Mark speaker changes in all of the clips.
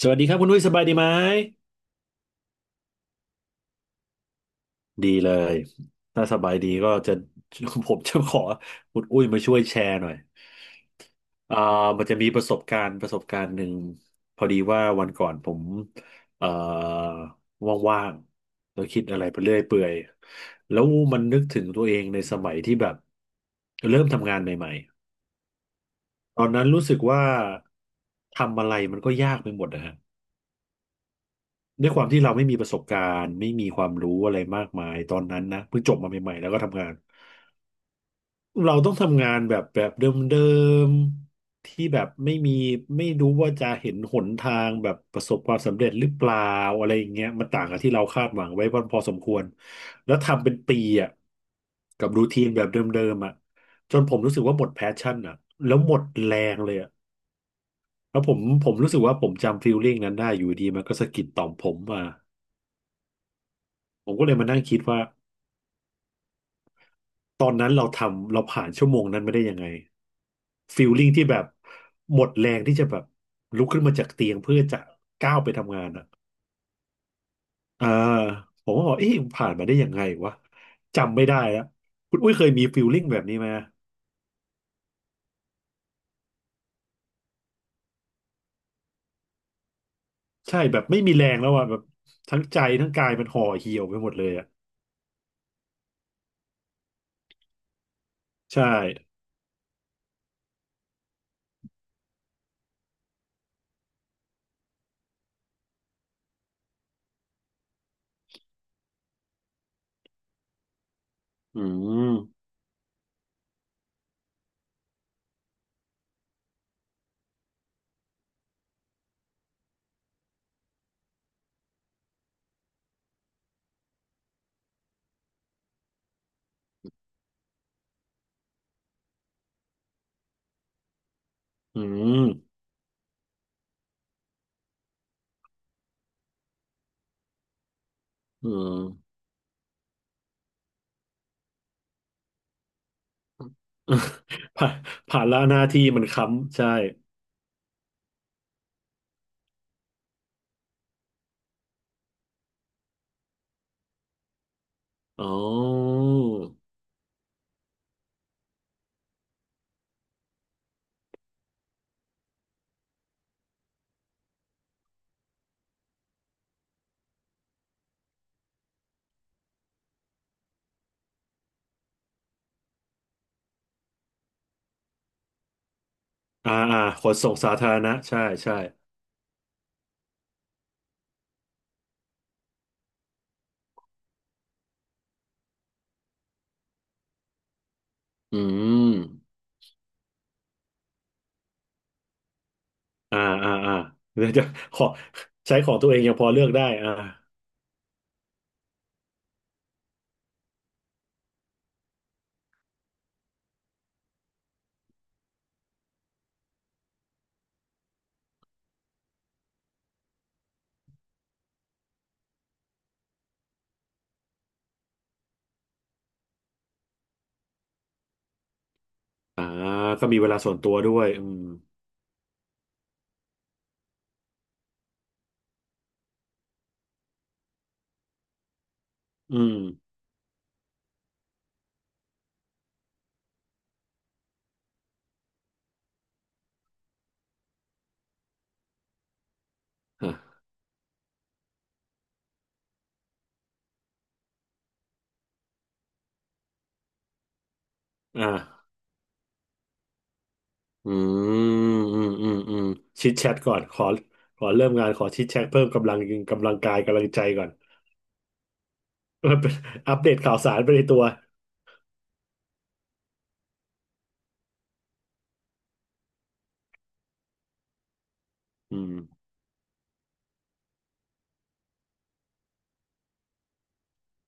Speaker 1: สวัสดีครับคุณนุ้ยสบายดีไหมดีเลยถ้าสบายดีก็จะ ผมจะขอคุณอุ้ยมาช่วยแชร์หน่อยอ่ามันจะมีประสบการณ์ประสบการณ์หนึ่งพอดีว่าวันก่อนผมเอ่อว่างๆแล้วคิดอะไรไปเรื่อยเปื่อยแล้วมันนึกถึงตัวเองในสมัยที่แบบเริ่มทำงานใหม่ๆตอนนั้นรู้สึกว่าทำอะไรมันก็ยากไปหมดนะฮะ ด้วยความที่เราไม่มีประสบการณ์ไม่มีความรู้อะไรมากมายตอนนั้นนะเพิ่งจบมาใหม่ๆแล้วก็ทำงานเราต้องทำงานแบบเดิมๆที่แบบไม่มีไม่รู้ว่าจะเห็นหนทางแบบประสบความสำเร็จหรือเปล่าอะไรอย่างเงี้ยมันต่างกับที่เราคาดหวังไว้พอสมควรแล้วทำเป็นปีอ่ะกับรูทีนแบบเดิมๆอ่ะจนผมรู้สึกว่าหมดแพชชั่นอ่ะแล้วหมดแรงเลยอ่ะแล้วผมรู้สึกว่าผมจำฟีลลิ่งนั้นได้อยู่ดีมันก็สะกิดต่อมผมมาผมก็เลยมานั่งคิดว่า ตอนนั้นเราผ่านชั่วโมงนั้นมาได้ยังไงฟีลลิ่งที่แบบหมดแรงที่จะแบบลุกขึ้นมาจากเตียงเพื่อจะก้าวไปทำงานอ่ะอ่าผมก็บอกเอ๊ะผ่านมาได้ยังไงวะจำไม่ได้แล้วคุณอุ้ยเคยมีฟีลลิ่งแบบนี้ไหมใช่แบบไม่มีแรงแล้วอ่ะแบบทั้งใจทั้งกายมันห่อเหี่ยวไปหมดเลยอ่ะใช่อืมอืมอืม ผ่านผ่านละหน้าที่มันค้ำใช่อ๋อ ขนส่งสาธารณะใช่ใช่อืมอ่าอ่าอ่าเดี๋ยวจะขอใช้ของตัวเองยังพอเลือกได้อ่าอ่าก็มีเวลาส่วนตัวด้วยอืมอืมอ่าอ่าอืมอืมอืมอืมชิดแชทก่อนขอเริ่มงานขอชิดแชทเพิ่มกำลังกายกำลังใจก่อน มันเป็นอัปเดตข่าวสารไปในตัวอืม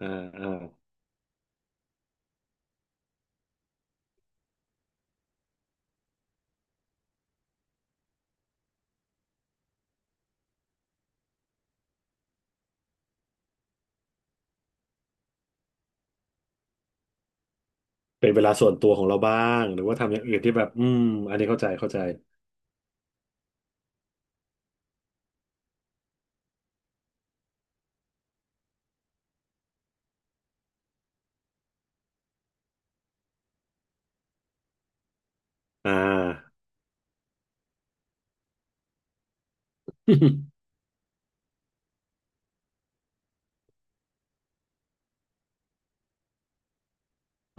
Speaker 1: อ่าอ่าเป็นเวลาส่วนตัวของเราบ้างหรือว่าทำอย่างอื่นที่แบบอืมอันนี้เข้าใจเข้าใจอ่า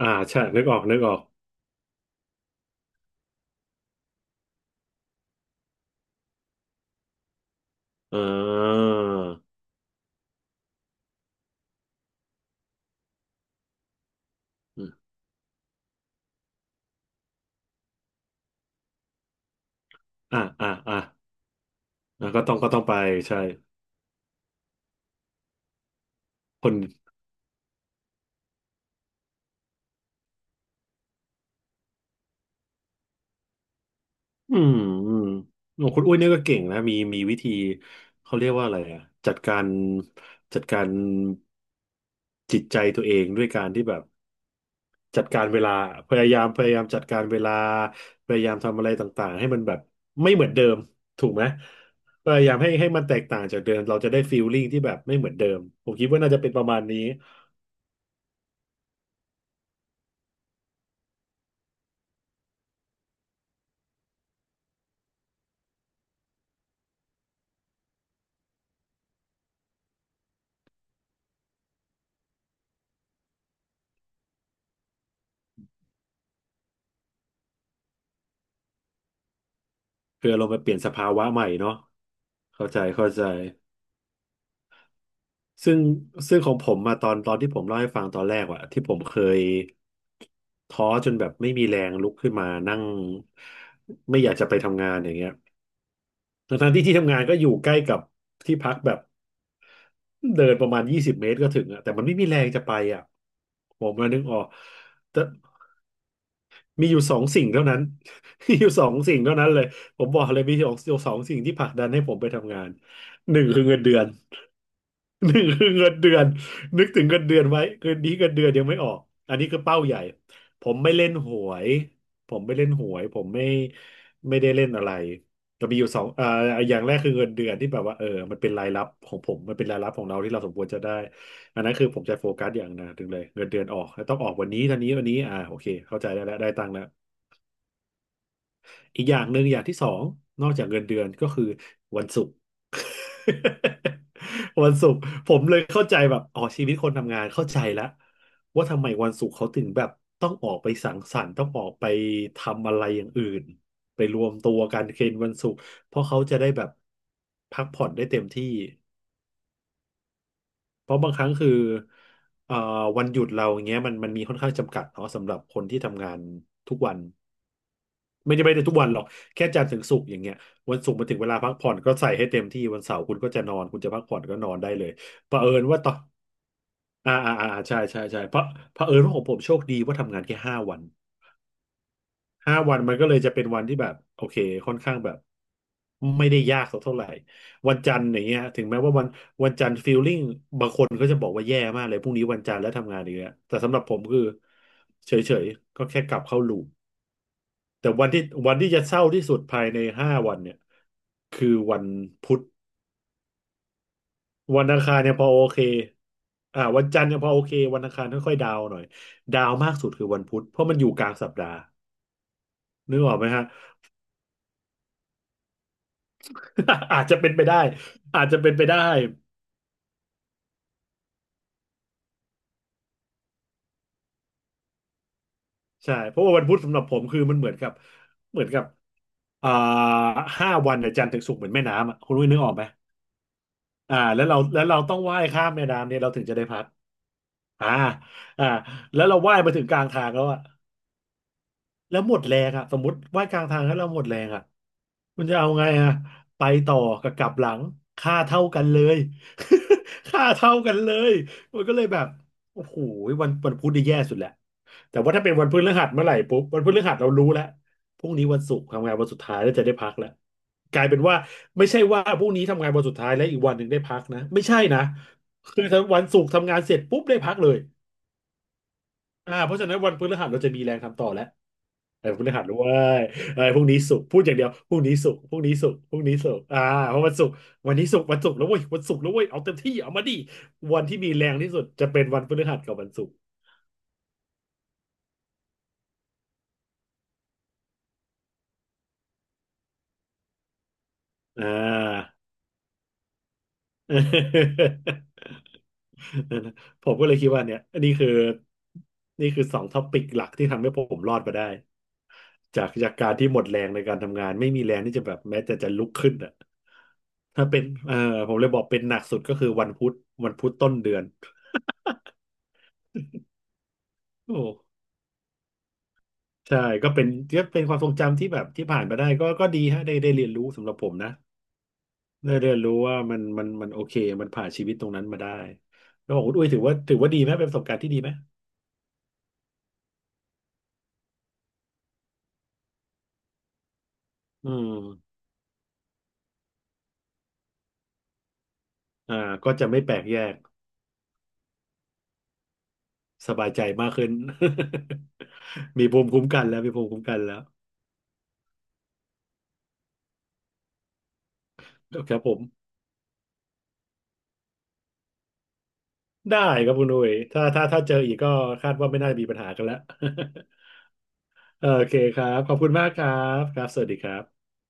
Speaker 1: ใช่นึกออกนึกออกอ่าอ่าอ่าอ่าก็ต้องไปใช่คนอืมอืมโอ้คุณอุ้ยเนี่ยก็เก่งนะมีวิธีเขาเรียกว่าอะไรอ่ะจัดการจิตใจตัวเองด้วยการที่แบบจัดการเวลาพยายามจัดการเวลาพยายามทำอะไรต่างๆให้มันแบบไม่เหมือนเดิมถูกไหมพยายามให้มันแตกต่างจากเดิมเราจะได้ฟีลลิ่งที่แบบไม่เหมือนเดิมผมคิดว่าน่าจะเป็นประมาณนี้ คือเรามาเปลี่ยนสภาวะใหม่เนาะเข้าใจเข้าใจซึ่งซึ่งของผมมาตอนที่ผมเล่าให้ฟังตอนแรกอะที่ผมเคยท้อจนแบบไม่มีแรงลุกขึ้นมานั่งไม่อยากจะไปทำงานอย่างเงี้ยทั้งๆที่ที่ทำงานก็อยู่ใกล้กับที่พักแบบเดินประมาณ20 เมตรก็ถึงอะแต่มันไม่มีแรงจะไปอะผมมานึกออกแต่มีอยู่สองสิ่งเท่านั้น มีอยู่สองสิ่งเท่านั้นเลยผมบอกเลยมีสองสิ่งที่ผลักดันให้ผมไปทำงานหนึ่งคือเงินเดือน หนึ่งคือเงินเดือนนึกถึงเงินเดือนไว้คืนนี้เงินเดือนยังไม่ออกอันนี้คือเป้าใหญ่ผมไม่เล่นหวยผมไม่ได้เล่นอะไรแต่มีอยู่สองอ่าอย่างแรกคือเงินเดือนที่แบบว่าเออมันเป็นรายรับของผมมันเป็นรายรับของเราที่เราสมควรจะได้อันนั้นคือผมจะโฟกัสอย่างหนะถึงเลยเงินเดือนออกแล้วต้องออกวันนี้เท่านี้วันนี้อ่าโอเคเข้าใจได้แล้วได้ตังค์แล้ว อีกอย่างหนึ่งอย่างที่สองนอกจากเงินเดือนก็คือวันศุกร์ วันศุกร์ผมเลยเข้าใจแบบอ๋อชีวิตคนทำงานเข้าใจแล้วว่าทำไมวันศุกร์เขาถึงแบบต้องออกไปสังสรรค์ต้องออกไปทำอะไรอย่างอื่นไปรวมตัวกันเคนวันศุกร์เพราะเขาจะได้แบบพักผ่อนได้เต็มที่เพราะบางครั้งคือเอ่อวันหยุดเราอย่างเงี้ยมันมีค่อนข้างจำกัดเนาะสำหรับคนที่ทำงานทุกวัน ไม่ได้ทุกวันหรอกแค่จันทร์ถึงศุกร์อย่างเงี้ยวันศุกร์มาถึงเวลาพักผ่อนก็ใส่ให้เต็มที่วันเสาร์คุณก็จะนอนคุณจะพักผ่อนก็นอนได้เลยเผอิญว่าต่ออ่าอ่าอ่าใช่ใช่ใช่เพราะเผอิญว่าของผมโชคดีว่าทำงานแค่ห้าวันห้าวันมันก็เลยจะเป็นวันที่แบบโอเคค่อนข้างแบบไม่ได้ยากสักเท่าไหร่วันจันทร์อย่างเงี้ยถึงแม้ว่าวันจันทร์ฟีลลิ่งบางคนก็จะบอกว่าแย่มากเลยพรุ่งนี้วันจันทร์แล้วทำงานอีกแล้วแต่สำหรับผมคือเฉยๆก็แค่กลับเข้าลูป แต่วันที่จะเศร้าที่สุดภายในห้าวันเนี่ยคือวันพุธวันอังคารเนี่ยพอโอเควันจันทร์เนี่ยพอโอเควันอังคารค่อยๆดาวน์หน่อยดาวน์มากสุดคือวันพุธเพราะมันอยู่กลางสัปดาห์นึกออกไหมฮะ อาจจะเป็นไปได้อาจจะเป็นไปได้ใช่เพราะว่าวันพุธสำหรับผมคือมันเหมือนกับเหมือนกับอ่าห้าวันเนี่ยจันทร์ถึงศุกร์เหมือนแม่น้ำอ่ะคุณรู้ยนึกออกไหมแล้วเราต้องว่ายข้ามแม่น้ำเนี่ยเราถึงจะได้พักอ่าอ่าแล้วเราว่ายมาถึงกลางทางแล้วอ่ะ แล้วหมดแรงอ่ะสมมติว่ายกลางทางแล้วเราหมดแรงอ่ะคุณจะเอาไงอ่ะไปต่อกับกลับหลังค่าเท่ากันเลย ค่าเท่ากันเลยมันก็เลยแบบโอ้โหวันพุธนี่แย่สุดแหละแต่ว่าถ้าเป็นวันพฤหัสเมื่อไหร่ปุ๊บวันพฤหัสเรารู้แล้วพรุ่งนี้วันศุกร์ทำงานวันสุดท้ายแล้วจะได้พักแล้วกลายเป็นว่าไม่ใช่ว่าพรุ่งนี้ทำงานวันสุดท้ายแล้วอีกวันหนึ่งได้พักนะไม่ใช่นะคือถ้าวันศุกร์ทำงานเสร็จปุ๊บได้พักเลยเพราะฉะนั้นวันพฤหัสเราจะมีแรงทำต่อแล้ว เออพฤหัสด้วยเออพรุ่งนี้ศุกร์พูดอย่างเดียวพรุ่งนี้ศุกร์พรุ่งนี้ศุกร์พรุ่งนี้ศุกร์เพราะวันศุกร์วันนี้ศุกร์วันศุกร์แล้วเว้ยวันศุกร์แล้วเว้ยเอาเต็มที่เอามาดิวันที่มีแรงที่สุดจะเป็นวันพฤหัสกับวันศุกร์อ่า ผมก็เลยคิดว่าเนี่ยนี่คือนี่คือสองท็อปิกหลักที่ทำให้ผมรอดมาได้จากการที่หมดแรงในการทำงานไม่มีแรงที่จะแบบแม้แต่จะลุกขึ้นอ่ะถ้าเป็นผมเลยบอกเป็นหนักสุดก็คือวันพุธวันพุธต้นเดือน โอ้ใช่ก็เป็นก็เป็นความทรงจำที่แบบที่ผ่านมาได้ก็ดีฮะได้เรียนรู้สำหรับผมนะได้เรียนรู้ว่ามันโอเคมันผ่านชีวิตตรงนั้นมาได้แล้วของคุณอุ้ยถือว่าดีไหมเป็นประสบการณ์ที่ดีไหมอืมอ่าก็จะไม่แปลกแยกสบายใจมากขึ้น มีภูมิคุ้มกันแล้วมีภูมิคุ้มกันแล้วครับผมได้ครับคุณอุ้ยถ้าเจออีกก็คาดว่าไม่น่ามีปัญหากันแล้ว โอเคครับขอบคุณมากครับสวัสดีครับ